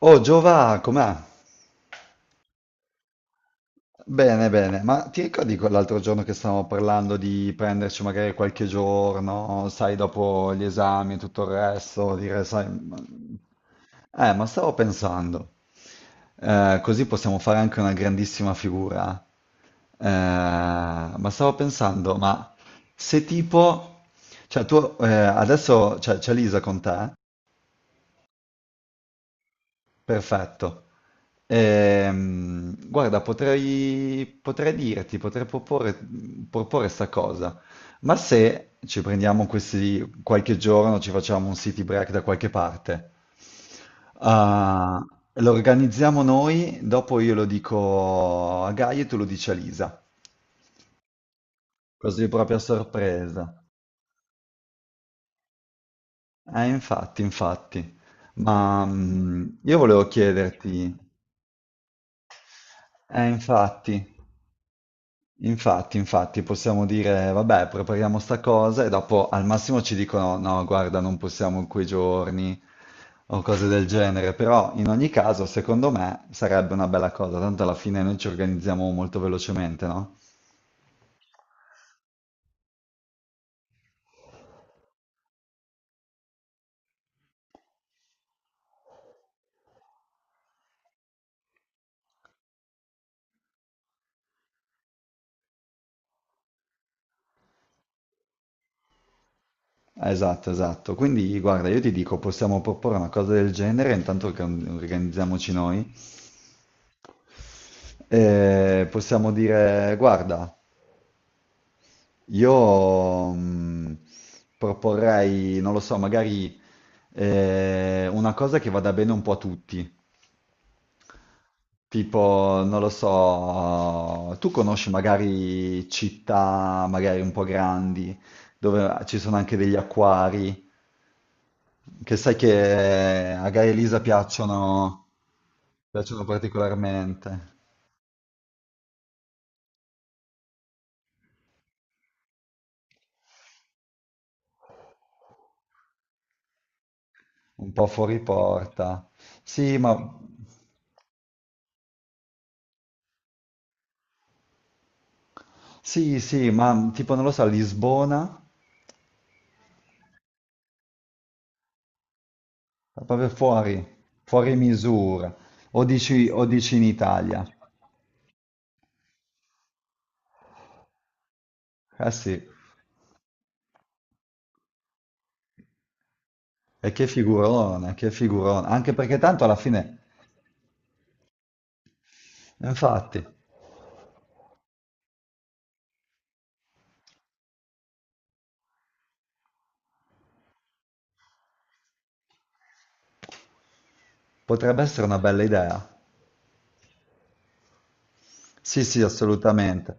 Oh Giova, com'è? Bene, bene, ma ti ricordi quell'altro giorno che stavamo parlando di prenderci magari qualche giorno, sai, dopo gli esami e tutto il resto, dire, sai, ma stavo pensando, così possiamo fare anche una grandissima figura, ma stavo pensando, ma se tipo, cioè tu adesso c'è Lisa con te? Perfetto. Guarda, potrei, potrei dirti, potrei proporre, proporre sta cosa, ma se ci prendiamo questi qualche giorno, ci facciamo un city break da qualche parte, ah, lo organizziamo noi, dopo io lo dico a Gaia e tu lo dici a Lisa, così proprio a sorpresa. Infatti, infatti. Ma io volevo chiederti, infatti. Infatti, infatti, possiamo dire, vabbè, prepariamo sta cosa e dopo al massimo ci dicono, no, guarda, non possiamo in quei giorni o cose del genere, però in ogni caso, secondo me, sarebbe una bella cosa, tanto alla fine noi ci organizziamo molto velocemente, no? Esatto, esatto. Quindi, guarda, io ti dico, possiamo proporre una cosa del genere, intanto organ- organizziamoci noi. E possiamo dire, guarda, io proporrei, non lo so, magari una cosa che vada bene un po' a tutti. Tipo, non lo so, tu conosci magari città magari un po' grandi, dove ci sono anche degli acquari, che sai che a Gaia Elisa piacciono, piacciono particolarmente, un po' fuori porta. Sì, ma sì, sì, ma tipo, non lo so, Lisbona. Ma proprio fuori, fuori misura. O dici in Italia. Eh sì, e che figurone, che figurone. Anche perché tanto alla fine, infatti, potrebbe essere una bella idea. Sì, sì, assolutamente.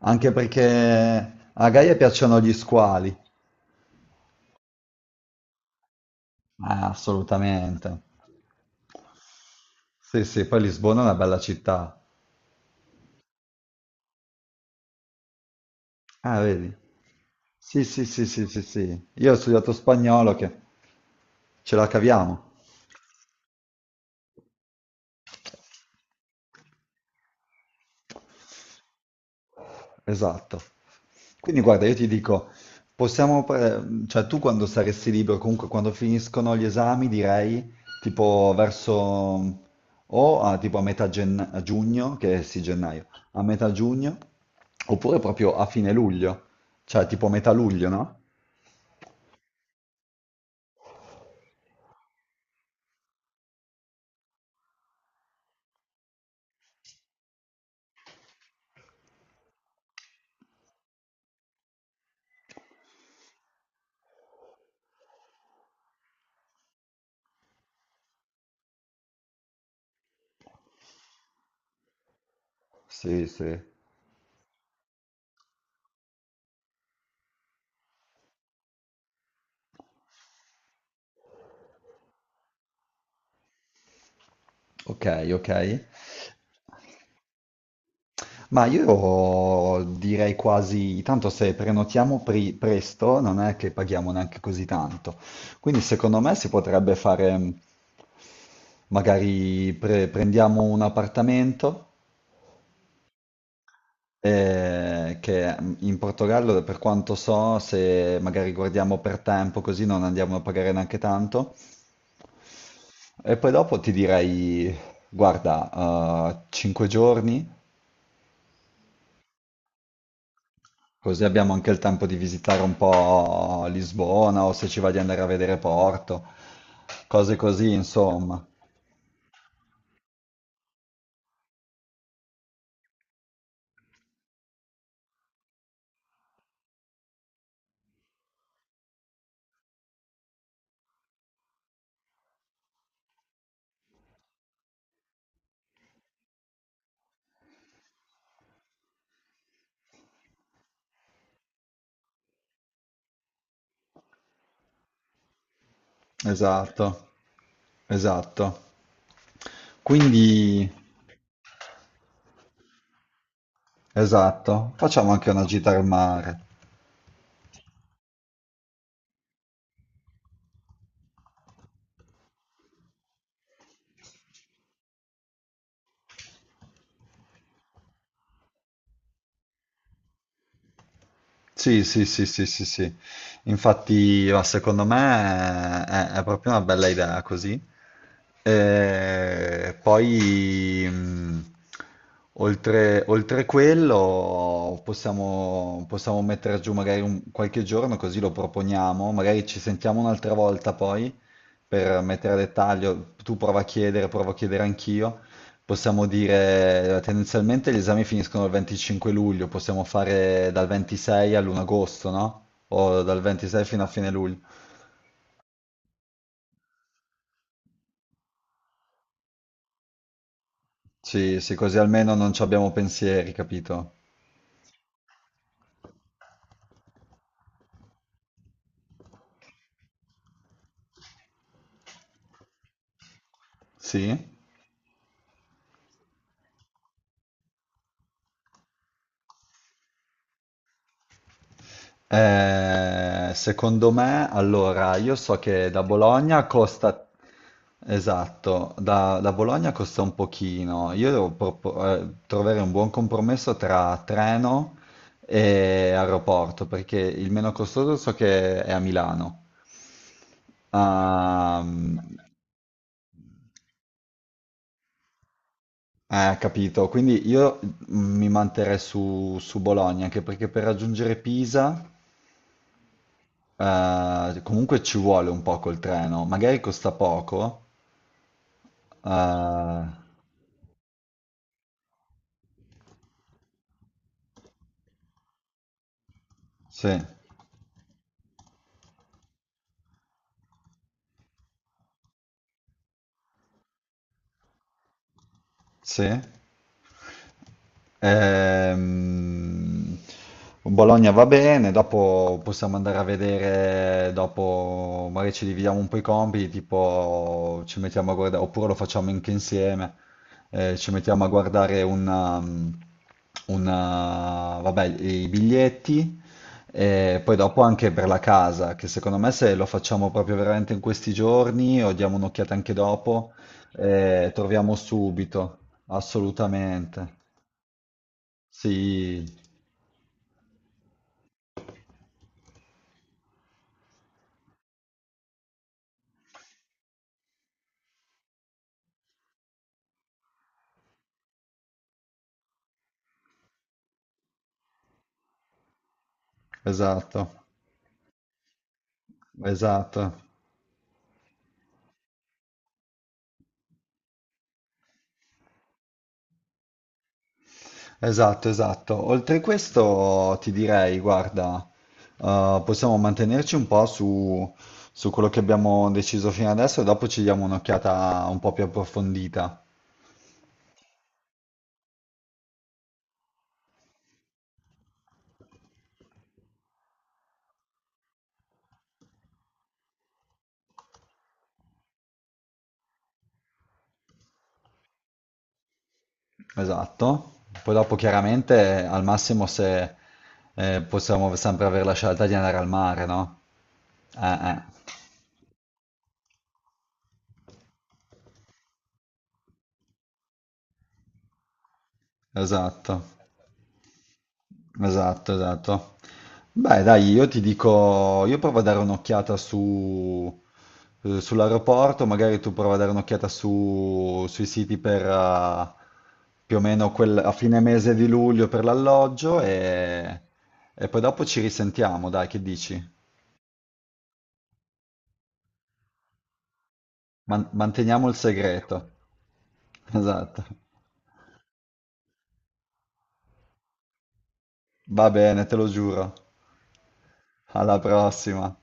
Anche perché a Gaia piacciono gli squali. Ah, assolutamente. Sì, sì, poi Lisbona è una bella città. Ah, vedi? Sì, sì, sì, sì, sì, sì. Io ho studiato spagnolo che ce la caviamo. Esatto. Quindi guarda, io ti dico, possiamo, pre- cioè tu quando saresti libero, comunque quando finiscono gli esami, direi tipo verso o a, tipo a metà gen- a giugno, che è sì gennaio, a metà giugno, oppure proprio a fine luglio, cioè tipo metà luglio, no? Sì, sì. Ok, ok. Ma io direi quasi, tanto se prenotiamo pri- presto non è che paghiamo neanche così tanto. Quindi secondo me si potrebbe fare, magari pre- prendiamo un appartamento che in Portogallo, per quanto so, se magari guardiamo per tempo così non andiamo a pagare neanche tanto. E poi dopo ti direi, guarda, 5 giorni. Così abbiamo anche il tempo di visitare un po' Lisbona o se ci va di andare a vedere Porto, cose così, insomma. Esatto, esatto. Quindi, esatto, facciamo anche una gita al mare. Sì, sì, sì, sì, sì, sì. Infatti, ma secondo me è proprio una bella idea così. E poi, oltre, oltre quello, possiamo, possiamo mettere giù magari un- qualche giorno, così lo proponiamo. Magari ci sentiamo un'altra volta poi per mettere a dettaglio. Tu prova a chiedere, provo a chiedere anch'io. Possiamo dire, tendenzialmente gli esami finiscono il 25 luglio, possiamo fare dal 26 all'1 agosto, no? O dal 26 fino a fine luglio. Sì, sì, così almeno non ci abbiamo pensieri, capito? Sì? Secondo me, allora, io so che da Bologna costa, esatto, da, da Bologna costa un pochino. Io devo propo- trovare un buon compromesso tra treno e aeroporto, perché il meno costoso so che è a Milano. Ah, capito. Quindi io mi manterrei su, su Bologna, anche perché per raggiungere Pisa, comunque ci vuole un po' col treno. Magari costa poco, ah, sì, sì. Ehm, Bologna va bene, dopo possiamo andare a vedere, dopo magari ci dividiamo un po' i compiti, tipo ci mettiamo a guardare, oppure lo facciamo anche insieme, ci mettiamo a guardare una- vabbè, i biglietti e poi dopo anche per la casa, che secondo me se lo facciamo proprio veramente in questi giorni o diamo un'occhiata anche dopo, troviamo subito, assolutamente. Sì, esatto, esatto, esatto, esatto. Oltre questo ti direi, guarda, possiamo mantenerci un po' su, su quello che abbiamo deciso fino adesso e dopo ci diamo un'occhiata un po' più approfondita. Esatto. Poi dopo chiaramente al massimo se possiamo sempre avere la scelta di andare al mare, no? Eh. Esatto. Esatto, esatto. Beh, dai, io ti dico, io provo a dare un'occhiata su, sull'aeroporto, magari tu prova a dare un'occhiata su, sui siti per più o meno quel, a fine mese di luglio per l'alloggio e poi dopo ci risentiamo, dai, che dici? Man- manteniamo il segreto. Esatto. Va bene, te lo giuro. Alla prossima.